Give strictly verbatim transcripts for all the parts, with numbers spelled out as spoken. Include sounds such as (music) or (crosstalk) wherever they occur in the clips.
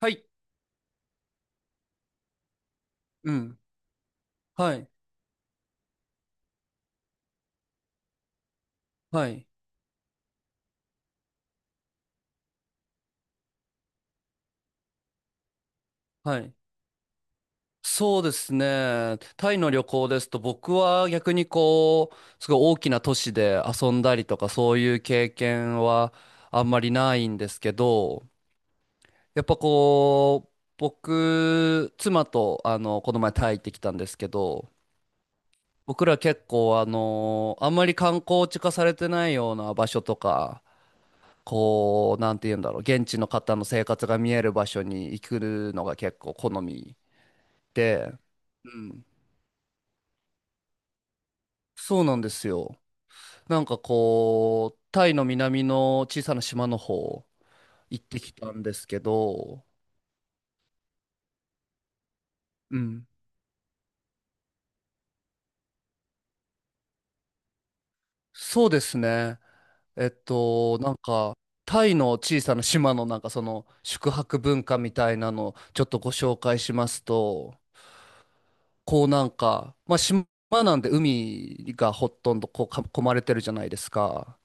はい。うん。はい。はい。はい。そうですね。タイの旅行ですと、僕は逆にこう、すごい大きな都市で遊んだりとか、そういう経験はあんまりないんですけど、やっぱこう、僕、妻と、あの、この前タイ行ってきたんですけど、僕ら結構、あの、あんまり観光地化されてないような場所とか、こう、なんて言うんだろう、現地の方の生活が見える場所に行くのが結構好み。て、うん。そうなんですよ。なんかこう、タイの南の小さな島の方行ってきたんですけど、うん。そうですね。えっと、なんか、タイの小さな島のなんかその宿泊文化みたいなのをちょっとご紹介しますと、こうなんか、まあ島なんで海がほとんどこうか囲まれてるじゃないですか。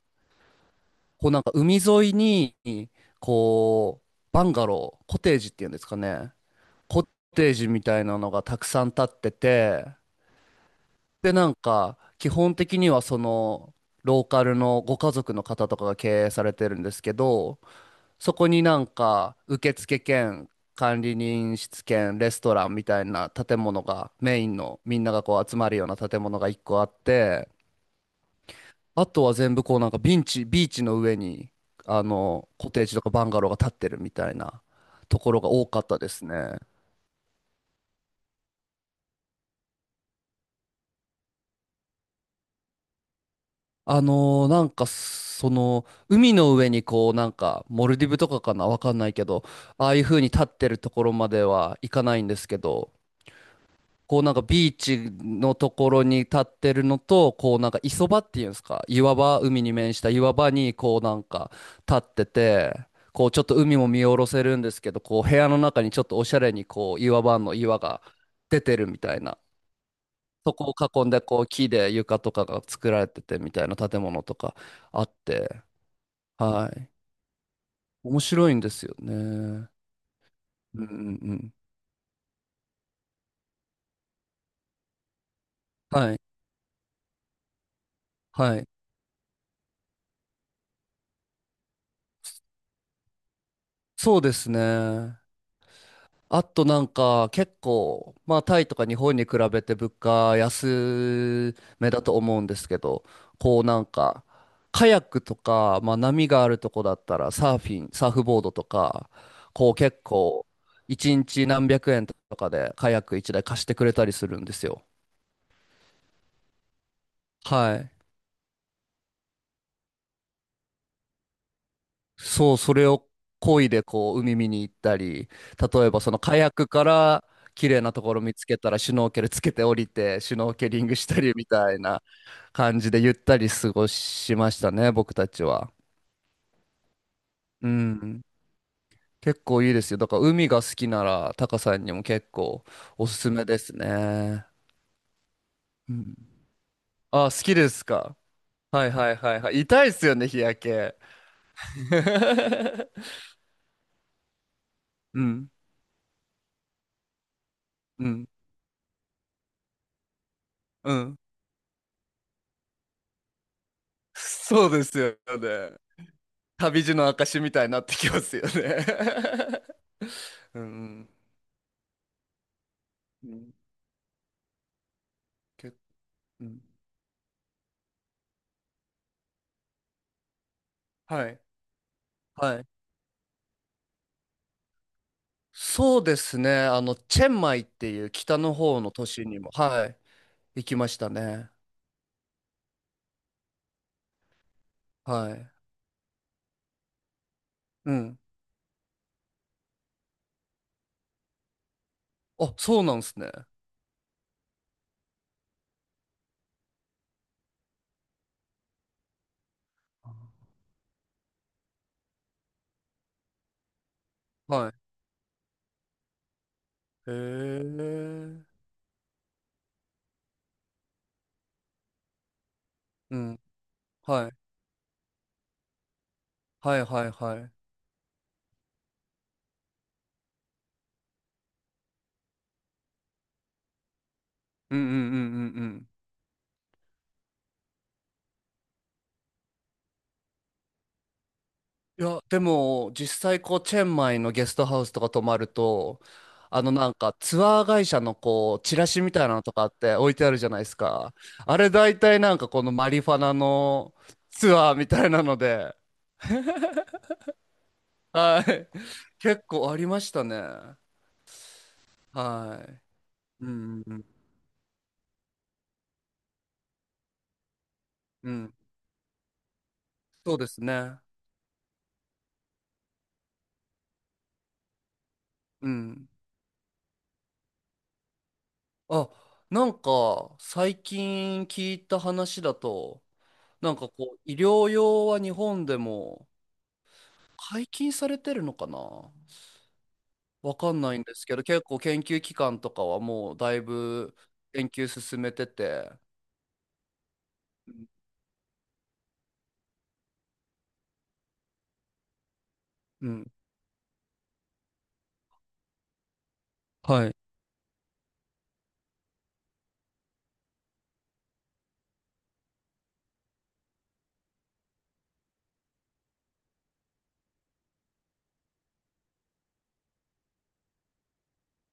こうなんか海沿いに、こう、バンガロー、コテージっていうんですかね。コッテージみたいなのがたくさん建ってて、で、なんか、基本的にはその、ローカルのご家族の方とかが経営されてるんですけど、そこになんか、受付兼、管理人室兼、レストランみたいな建物が、メインのみんながこう集まるような建物がいっこあって、あとは全部こうなんかビンチ、ビーチの上に、あの、コテージとかバンガローが建ってるみたいなところが多かったですね。あのーなんかその海の上にこうなんかモルディブとかかなわかんないけど、ああいう風に立ってるところまでは行かないんですけど、こうなんかビーチのところに立ってるのと、こうなんか磯場っていうんですか、岩場、海に面した岩場にこうなんか立ってて、こうちょっと海も見下ろせるんですけど、こう部屋の中にちょっとおしゃれにこう岩場の岩が出てるみたいな。そこを囲んで、こう、木で床とかが作られててみたいな建物とかあって、はい。面白いんですよね。うんうんうん。はい。はい。そうですね。あとなんか結構、まあタイとか日本に比べて物価安めだと思うんですけど、こうなんか、カヤックとか、まあ波があるとこだったらサーフィン、サーフボードとか、こう結構、いちにちなんびゃくえんとかでカヤックいちだい貸してくれたりするんですよ。はい。そう、それを漕いでこう海見に行ったり、例えばそのカヤックから綺麗なところ見つけたらシュノーケルつけて降りてシュノーケリングしたりみたいな感じでゆったり過ごしましたね、僕たちは。うん。結構いいですよ。だから海が好きならタカさんにも結構おすすめですね。うん。あ、好きですか。はいはいはいはい。痛いっすよね、日焼け。(laughs) うん、うん、うん。そうですよね。旅路の証みたいになってきますよね。 (laughs) うんうん。けうん。はい。はい。そうですね。あの、チェンマイっていう北の方の都市にも、はい、行きましたね。はい。うん。あ、そうなんですね。はい。へえ。うん。はい。はいはいはい。うんうんうんうんうん。いや、でも、実際、こう、チェンマイのゲストハウスとか泊まると、あの、なんか、ツアー会社の、こう、チラシみたいなのとかって置いてあるじゃないですか。あれ、大体、なんか、このマリファナのツアーみたいなので、はい。(laughs) 結構ありましたね。はい。うん、うん、うん。そうですね。うん。あ、なんか、最近聞いた話だと、なんかこう、医療用は日本でも、解禁されてるのかなわかんないんですけど、結構研究機関とかはもうだいぶ研究進めてて、うん。はい。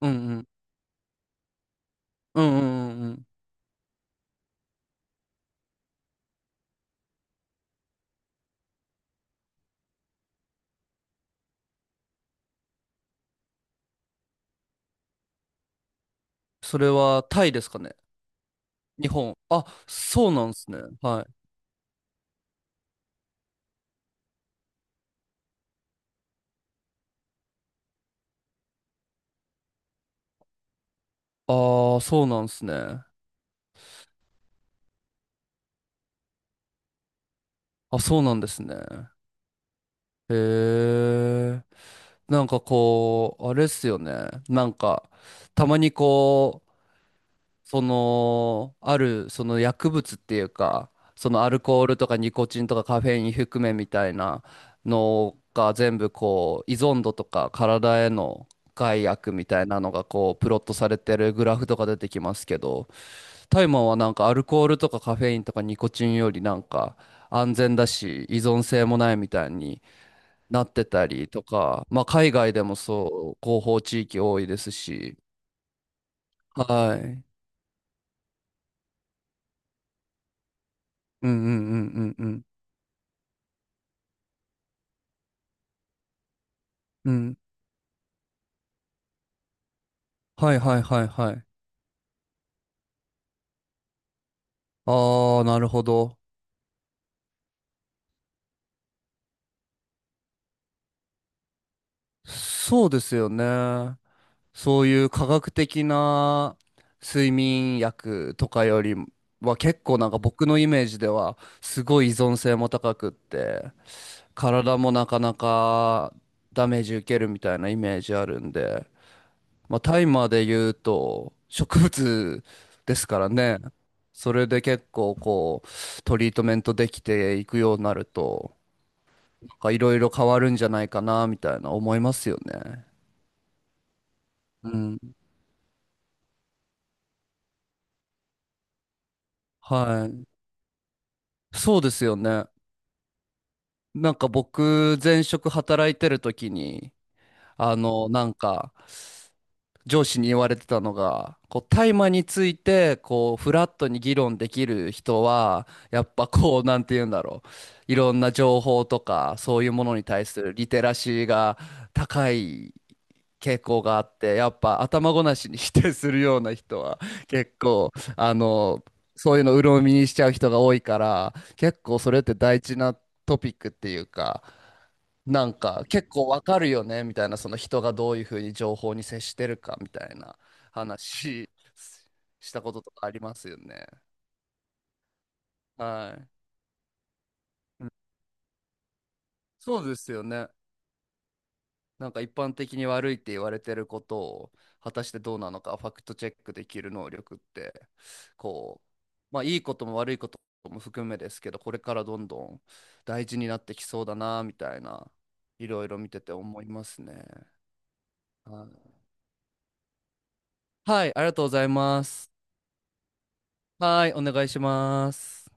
うんうん。うんうんうんうん。それはタイですかね。日本。あ、そうなんですね。はい。ああ、そうなんですね。あ、そうなんですね。へえ。なんかこう、あれっすよね。なんか、たまにこう、その、ある、その薬物っていうか、そのアルコールとかニコチンとかカフェイン含めみたいなのが全部こう、依存度とか体への害悪みたいなのがこう、プロットされてるグラフとか出てきますけど、タイマーはなんかアルコールとかカフェインとかニコチンよりなんか安全だし、依存性もないみたいになってたりとか、まあ海外でもそう、広報地域多いですし、はい。うんうんうんうんうん。うんはいはいはいはい。ああ、なるほど。そうですよね。そういう科学的な睡眠薬とかよりは結構なんか僕のイメージではすごい依存性も高くって、体もなかなかダメージ受けるみたいなイメージあるんで、まあ、タイマーで言うと植物ですからね。それで結構こうトリートメントできていくようになるとかいろいろ変わるんじゃないかな、みたいな思いますよね。うん。はい。そうですよね。なんか僕、前職働いてる時に、あの、なんか、上司に言われてたのが、こう、大麻について、こう、フラットに議論できる人は、やっぱこう、なんて言うんだろう。いろんな情報とか、そういうものに対するリテラシーが高い傾向があって、やっぱ頭ごなしに否定するような人は結構、あの、そういうの鵜呑みにしちゃう人が多いから、結構それって大事なトピックっていうか、なんか結構わかるよねみたいな、その人がどういうふうに情報に接してるかみたいな話したこととかありますよね。はい。うん、そうですよね。なんか一般的に悪いって言われてることを果たしてどうなのかファクトチェックできる能力って、こう、まあいいことも悪いことも含めですけど、これからどんどん大事になってきそうだなみたいな、いろいろ見てて思いますね。はい、はいありがとうございます。はい、お願いします。